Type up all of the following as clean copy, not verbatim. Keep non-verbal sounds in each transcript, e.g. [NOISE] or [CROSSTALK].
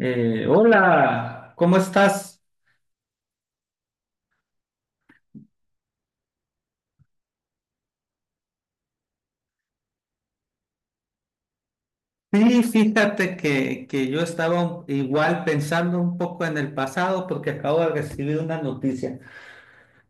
Hola, ¿cómo estás? Sí, fíjate que yo estaba igual pensando un poco en el pasado porque acabo de recibir una noticia.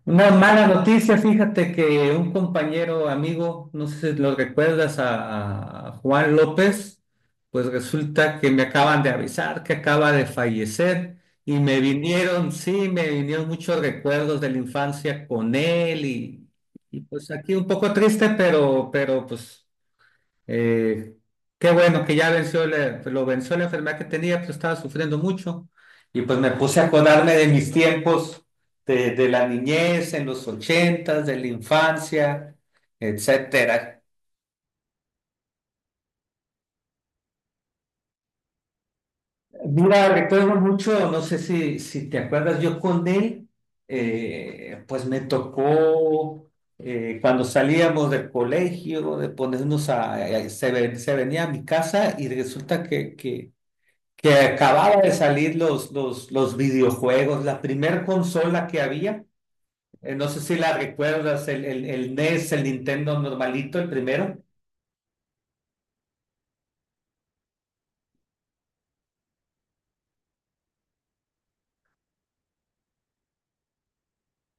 Una mala noticia, fíjate que un compañero, amigo, no sé si lo recuerdas, a Juan López, pues resulta que me acaban de avisar que acaba de fallecer y me vinieron, sí, me vinieron muchos recuerdos de la infancia con él, y pues aquí un poco triste, pero pues... Eh, qué bueno que lo venció la enfermedad que tenía, pues estaba sufriendo mucho. Y pues me puse a acordarme de mis tiempos de la niñez, en los ochentas, de la infancia, etcétera. Mira, recuerdo mucho, no sé si te acuerdas, yo con él, pues me tocó cuando salíamos del colegio, de ponernos a- se, ve- se venía a mi casa y resulta que acababa de salir los videojuegos, la primer consola que había, no sé si la recuerdas, el NES, el Nintendo normalito, el primero.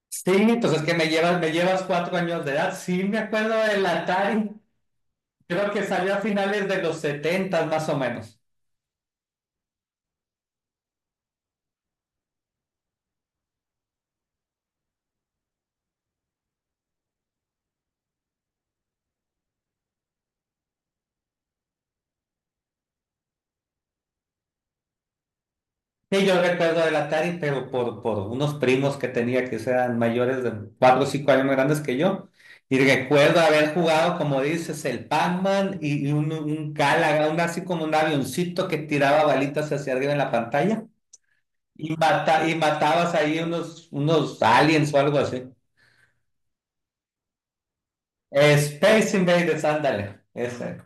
Sí, entonces que me llevas cuatro años de edad. Sí, me acuerdo del Atari. Creo que salió a finales de los 70 más o menos. Sí, yo recuerdo del Atari, pero por unos primos que tenía que eran mayores de 4 o 5 años más grandes que yo. Y recuerdo haber jugado, como dices, el Pac-Man y un Galaga, un así como un avioncito que tiraba balitas hacia arriba en la pantalla. Y, mata, y matabas ahí unos, unos aliens o algo así. Space Invaders, ándale, ese.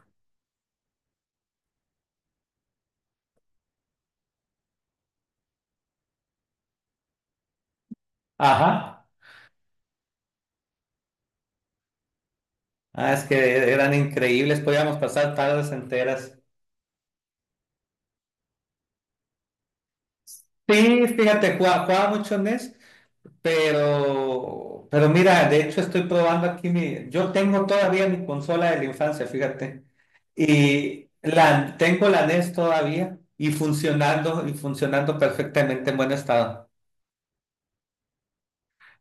Ajá. Ah, es que eran increíbles, podíamos pasar tardes enteras. Sí, fíjate, jugaba, jugaba mucho NES. Pero mira, de hecho estoy probando aquí mi, yo tengo todavía mi consola de la infancia, fíjate, tengo la NES todavía y funcionando perfectamente en buen estado.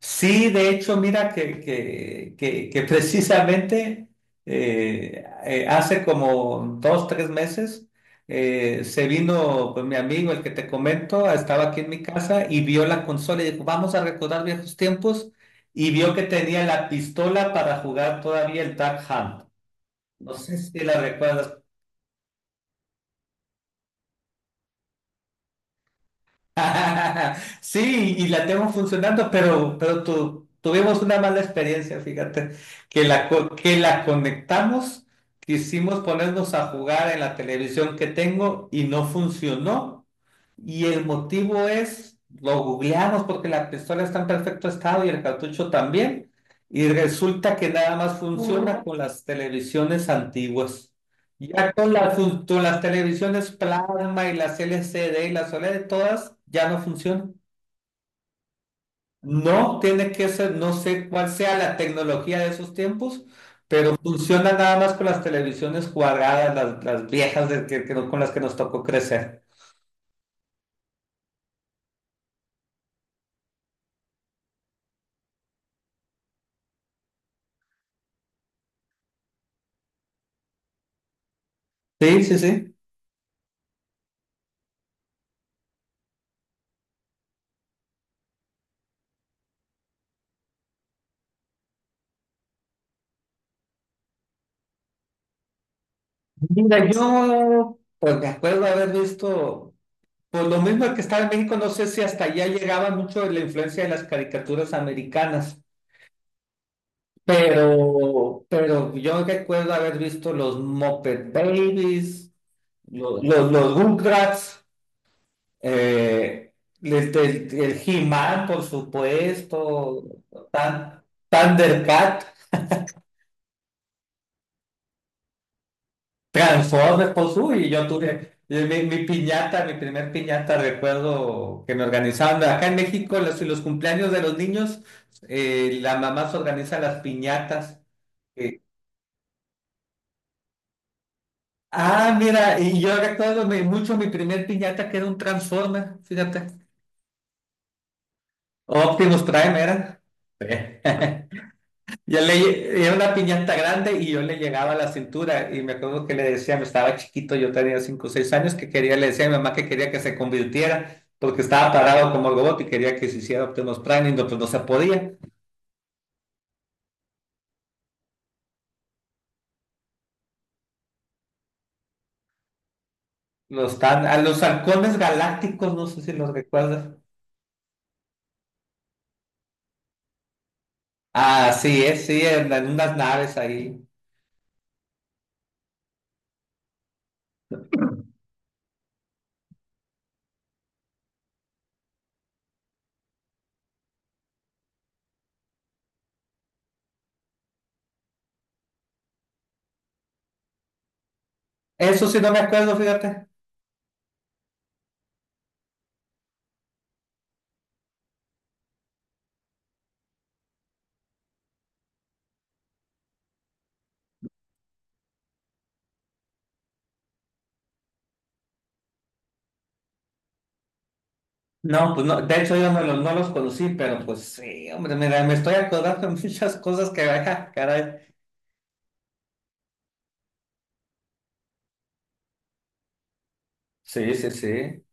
Sí, de hecho, mira que precisamente hace como dos, tres meses se vino pues, mi amigo, el que te comento, estaba aquí en mi casa y vio la consola y dijo, vamos a recordar viejos tiempos y vio que tenía la pistola para jugar todavía el Duck Hunt. No sé si la recuerdas. [LAUGHS] Sí, y la tengo funcionando, pero, tuvimos una mala experiencia, fíjate, que la conectamos, quisimos ponernos a jugar en la televisión que tengo y no funcionó. Y el motivo es, lo googleamos porque la pistola está en perfecto estado y el cartucho también, y resulta que nada más funciona con las televisiones antiguas. Ya con las, con las televisiones plasma y las LCD y las OLED, todas ya no funcionan. No tiene que ser, no sé cuál sea la tecnología de esos tiempos, pero funciona nada más con las televisiones cuadradas, las viejas de que no- con las que nos tocó crecer. Sí, sí, sí. Mira, yo pues me acuerdo haber visto, por lo mismo que estaba en México, no sé si hasta allá llegaba mucho la influencia de las caricaturas americanas. Pero yo recuerdo haber visto los Muppet Babies, Rugrats, eh, el He-Man, por supuesto, Tan- Thundercat, Transformers, pues uy, yo tuve mi piñata, mi primer piñata, recuerdo que me organizaban. Acá en México, los cumpleaños de los niños, la mamá se organiza las piñatas. eh, Ah, mira, y yo recuerdo mucho mi primer piñata que era un Transformer, fíjate. Optimus Prime era. Sí. [LAUGHS] Yo era una piñata grande y yo le llegaba a la cintura y me acuerdo que le decía, me estaba chiquito, yo tenía 5 o 6 años, que quería, le decía a mi mamá que quería que se convirtiera porque estaba parado como robot y quería que se hiciera Optimus Prime y no, pues no se podía. A los halcones galácticos, no sé si los recuerdas. Ah, sí, sí, en unas naves ahí. Eso sí no me acuerdo, fíjate. No, pues no, de hecho yo no los conocí, pero pues sí, hombre, mira, me estoy acordando de muchas cosas que, ah, caray. Sí, sí, sí.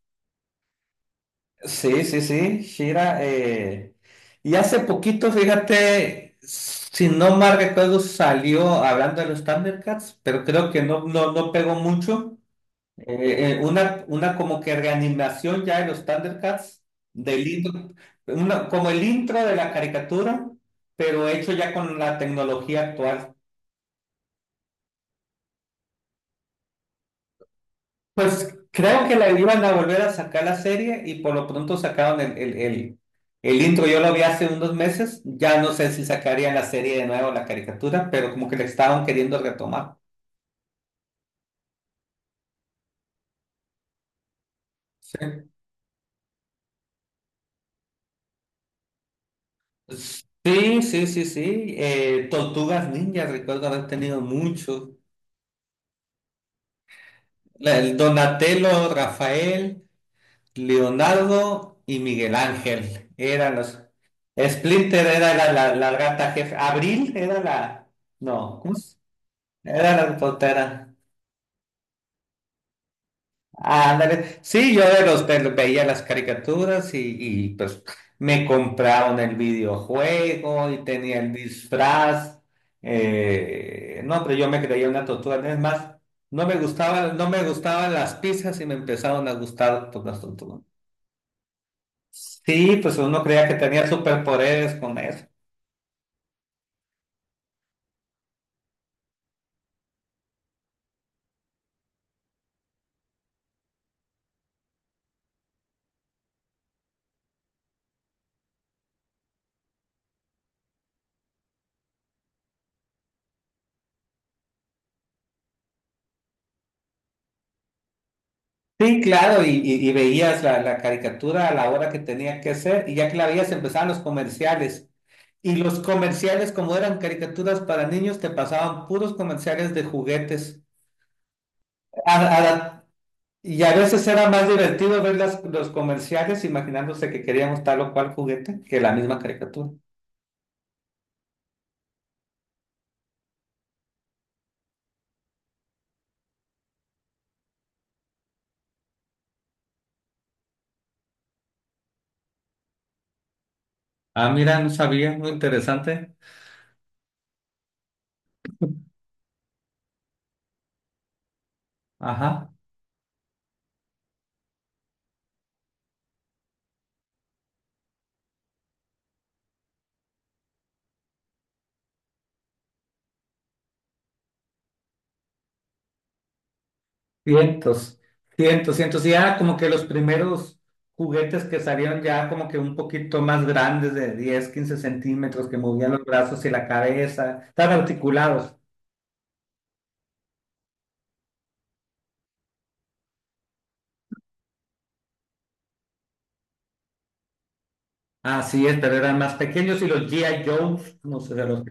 Sí, sí, sí, Shira. Y hace poquito, fíjate, si no mal recuerdo, salió hablando de los Thundercats, pero creo que no pegó mucho. Una como que reanimación ya de los Thundercats, del intro, una, como el intro de la caricatura, pero hecho ya con la tecnología actual. Pues creo que la iban a volver a sacar la serie y por lo pronto sacaron el intro. Yo lo vi hace unos meses. Ya no sé si sacarían la serie de nuevo, la caricatura, pero como que le estaban queriendo retomar. Sí, sí, sí, sí, sí. Tortugas Ninjas, recuerdo haber tenido muchos. El Donatello, Rafael, Leonardo y Miguel Ángel eran los. Splinter era la gata jefe. Abril era la. No, ¿cómo? Era la reportera. Ándale. Sí, yo veía las caricaturas y, pues me compraron el videojuego y tenía el disfraz. No, pero yo me creía una tortuga. Es más, no me gustaban las pizzas y me empezaron a gustar por las tortugas. Sí, pues uno creía que tenía superpoderes con eso. Sí, claro, y veías la caricatura a la hora que tenía que ser, y ya que la veías empezaban los comerciales. Y los comerciales, como eran caricaturas para niños, te pasaban puros comerciales de juguetes. A- a la- y a veces era más divertido ver los comerciales imaginándose que queríamos tal o cual juguete que la misma caricatura. Ah, mira, no sabía, muy interesante. Ajá. Cientos, cientos. Y ya como que los primeros juguetes que salieron ya como que un poquito más grandes de 10, 15 centímetros, que movían los brazos y la cabeza, estaban articulados. Así es, pero eran más pequeños y los GI. Joes, no sé de los...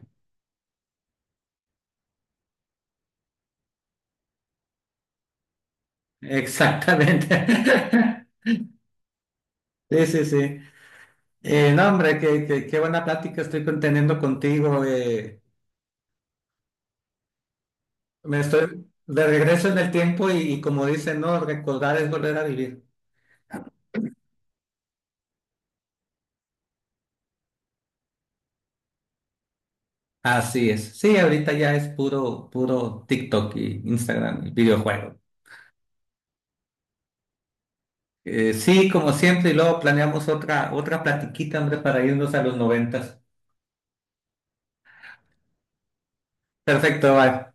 Exactamente. [LAUGHS] Sí, sí, sí. No, hombre, qué, qué, qué buena plática estoy conteniendo contigo. Me estoy de regreso en el tiempo y como dicen, no, recordar es volver a vivir. Así es. Sí, ahorita ya es puro, puro TikTok y Instagram y videojuego. Sí, como siempre, y luego planeamos otra platiquita, hombre, para irnos a los noventas. Perfecto, bye.